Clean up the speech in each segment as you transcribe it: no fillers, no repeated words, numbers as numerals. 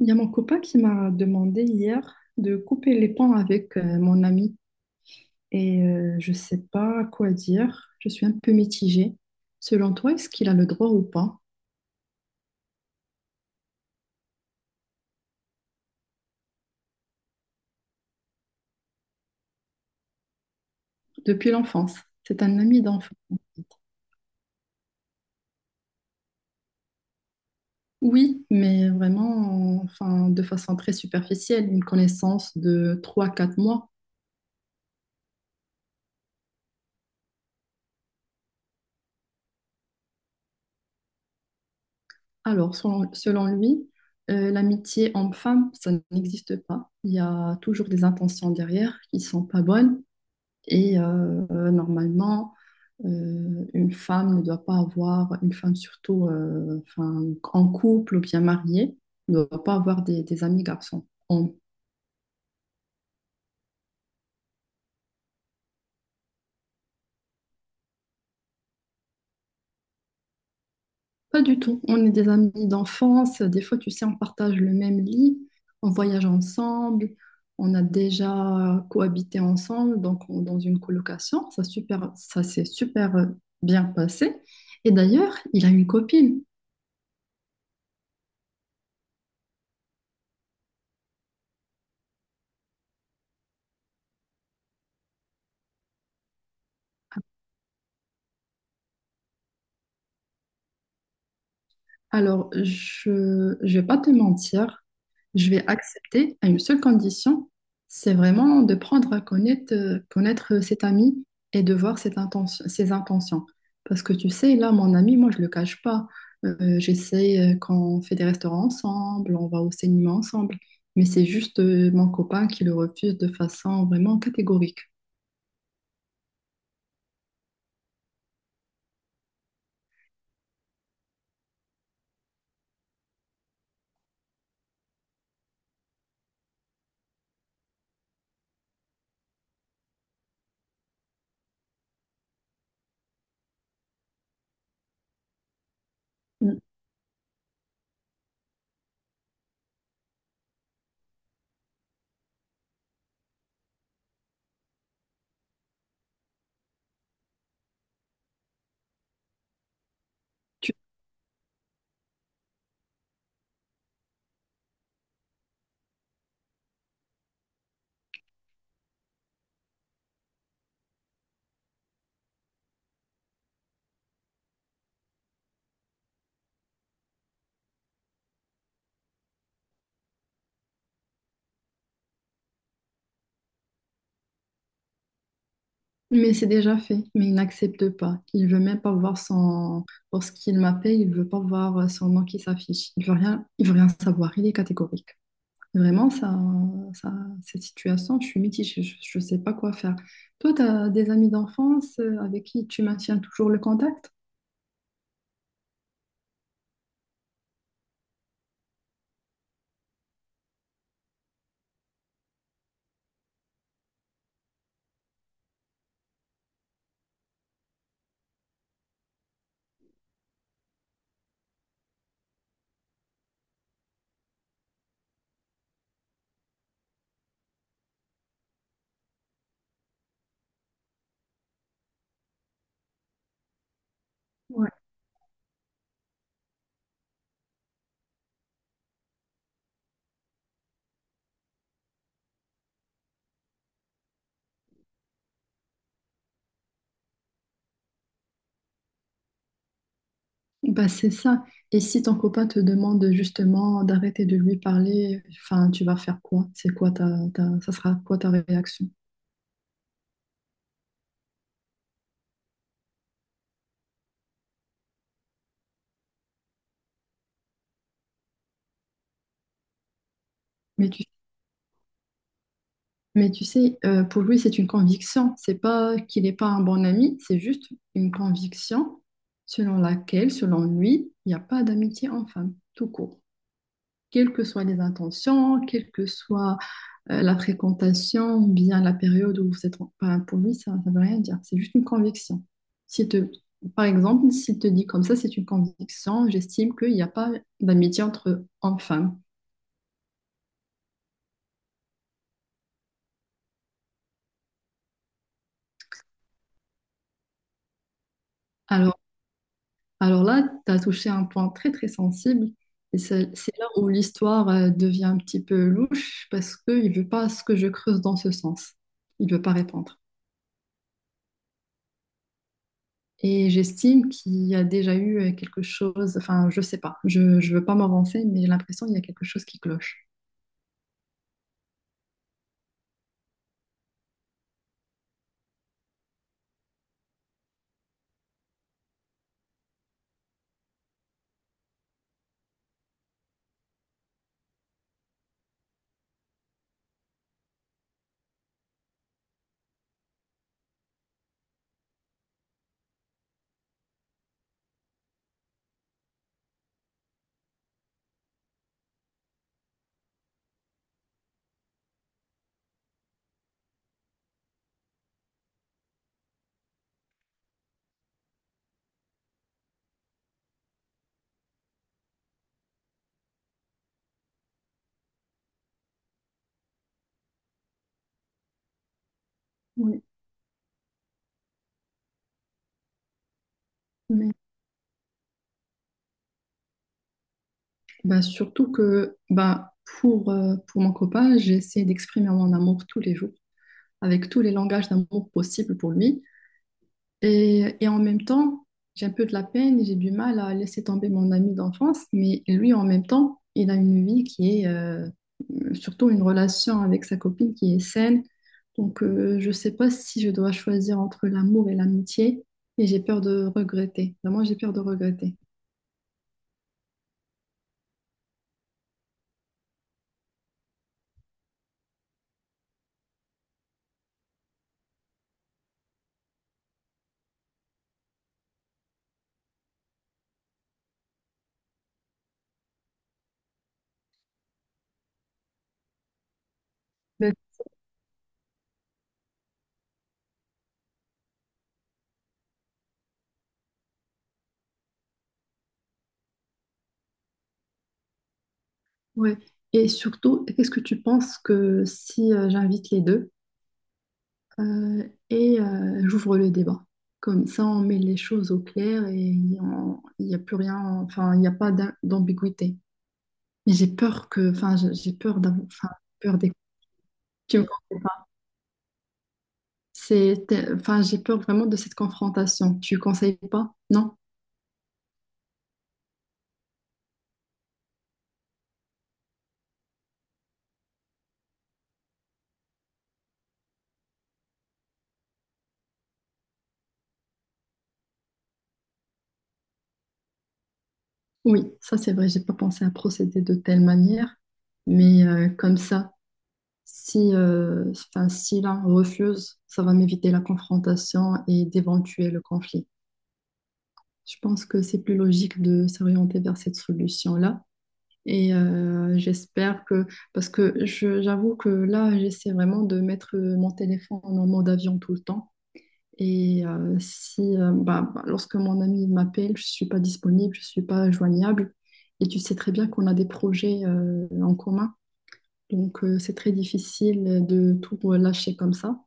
Il y a mon copain qui m'a demandé hier de couper les ponts avec mon ami et je ne sais pas quoi dire. Je suis un peu mitigée. Selon toi, est-ce qu'il a le droit ou pas? Depuis l'enfance, c'est un ami d'enfance. Oui, mais vraiment, enfin, de façon très superficielle, une connaissance de 3 4 mois. Alors, selon lui, l'amitié homme-femme, ça n'existe pas. Il y a toujours des intentions derrière qui ne sont pas bonnes. Et normalement, une femme ne doit pas avoir, une femme surtout enfin, en couple ou bien mariée, ne doit pas avoir des amis garçons. On- pas du tout. On est des amis d'enfance. Des fois, tu sais, on partage le même lit, on voyage ensemble, on a déjà cohabité ensemble, donc on- dans une colocation. Ça, super, ça s'est super bien passé. Et d'ailleurs, il a une copine. Alors, je vais pas te mentir, je vais accepter à une seule condition, c'est vraiment de prendre à connaître, connaître cet ami et de voir cette ses intentions. Parce que tu sais, là, mon ami, moi, je le cache pas. J'essaie quand on fait des restaurants ensemble, on va au cinéma ensemble, mais c'est juste mon copain qui le refuse de façon vraiment catégorique. Mm. Mais c'est déjà fait, mais il n'accepte pas. Il veut même pas voir son... Lorsqu'il m'appelle, il veut pas voir son nom qui s'affiche. Il veut rien savoir, il est catégorique. Vraiment, ça, cette situation, je suis mitigée, je ne sais pas quoi faire. Toi, tu as des amis d'enfance avec qui tu maintiens toujours le contact? Ouais. Bah, c'est ça. Et si ton copain te demande justement d'arrêter de lui parler, enfin, tu vas faire quoi? C'est quoi ça sera quoi ta réaction? Mais tu. Mais tu sais, pour lui, c'est une conviction. C'est pas qu'il n'est pas un bon ami, c'est juste une conviction selon laquelle, selon lui, il n'y a pas d'amitié en femme, tout court. Quelles que soient les intentions, quelle que soit la fréquentation, ou bien la période où vous êtes, enfin, pour lui, ça ne veut rien dire. C'est juste une conviction. Si te, par exemple, s'il te dit comme ça, c'est une conviction, j'estime qu'il n'y a pas d'amitié entre hommes-femmes. Alors, Alors là, tu as touché un point très très sensible et c'est là où l'histoire devient un petit peu louche parce qu'il ne veut pas ce que je creuse dans ce sens. Il ne veut pas répondre. Et j'estime qu'il y a déjà eu quelque chose, enfin je sais pas, je ne veux pas m'avancer, mais j'ai l'impression qu'il y a quelque chose qui cloche. Oui, mais bah, surtout que bah, pour mon copain, j'essaie d'exprimer mon amour tous les jours, avec tous les langages d'amour possibles pour lui. Et en même temps, j'ai un peu de la peine, j'ai du mal à laisser tomber mon ami d'enfance, mais lui, en même temps, il a une vie qui est surtout une relation avec sa copine qui est saine. Donc, je ne sais pas si je dois choisir entre l'amour et l'amitié, et j'ai peur de regretter. Vraiment, j'ai peur de regretter. Ben, ouais. Et surtout, qu'est-ce que tu penses que si j'invite les deux? Et j'ouvre le débat. Comme ça, on met les choses au clair et on- il n'y a plus rien, enfin, il n'y a pas d'ambiguïté. Mais j'ai peur que, enfin, j'ai peur d'avoir, enfin, peur des... Tu me conseilles pas. Enfin, j'ai peur vraiment de cette confrontation. Tu conseilles pas? Non? Oui, ça c'est vrai, j'ai pas pensé à procéder de telle manière, mais comme ça, si, enfin, si l'un refuse, ça va m'éviter la confrontation et d'éventuels conflits. Je pense que c'est plus logique de s'orienter vers cette solution-là. Et j'espère que, parce que j'avoue que là, j'essaie vraiment de mettre mon téléphone en mode avion tout le temps. Et si, lorsque mon ami m'appelle, je ne suis pas disponible, je ne suis pas joignable. Et tu sais très bien qu'on a des projets en commun. Donc, c'est très difficile de tout lâcher comme ça.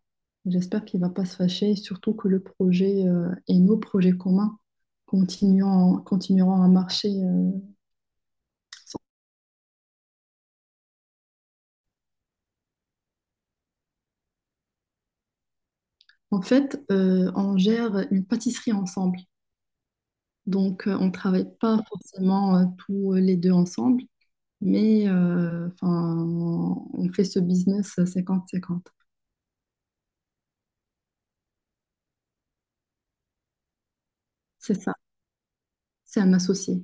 J'espère qu'il ne va pas se fâcher, et surtout que le projet et nos projets communs continueront à marcher. Sans- En fait, on gère une pâtisserie ensemble. Donc, on ne travaille pas forcément tous les deux ensemble, mais enfin, on fait ce business 50-50. C'est ça, c'est un associé.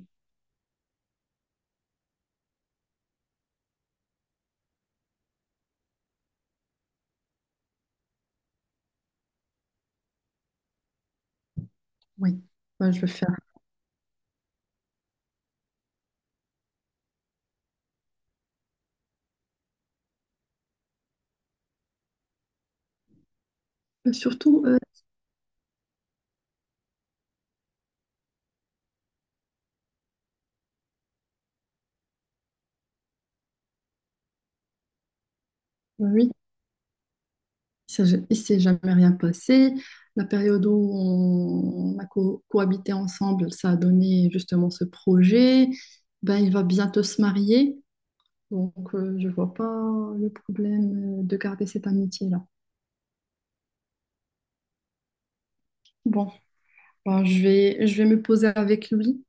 Oui, moi, je veux faire. Surtout, oui. Il ne s'est jamais rien passé. La période où on a cohabité ensemble, ça a donné justement ce projet. Ben, il va bientôt se marier, donc je ne vois pas le problème de garder cette amitié-là. Bon, ben, je vais me poser avec lui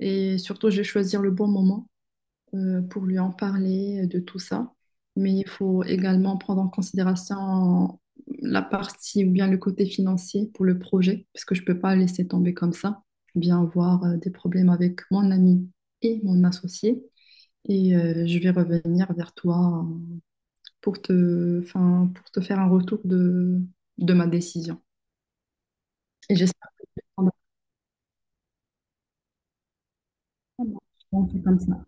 et surtout, je vais choisir le bon moment pour lui en parler de tout ça. Mais il faut également prendre en considération la partie ou bien le côté financier pour le projet, parce que je ne peux pas laisser tomber comme ça, bien voir des problèmes avec mon ami et mon associé. Et je vais revenir vers toi pour enfin, pour te faire un retour de ma décision. Et j'espère que tu prendras. Comme ça.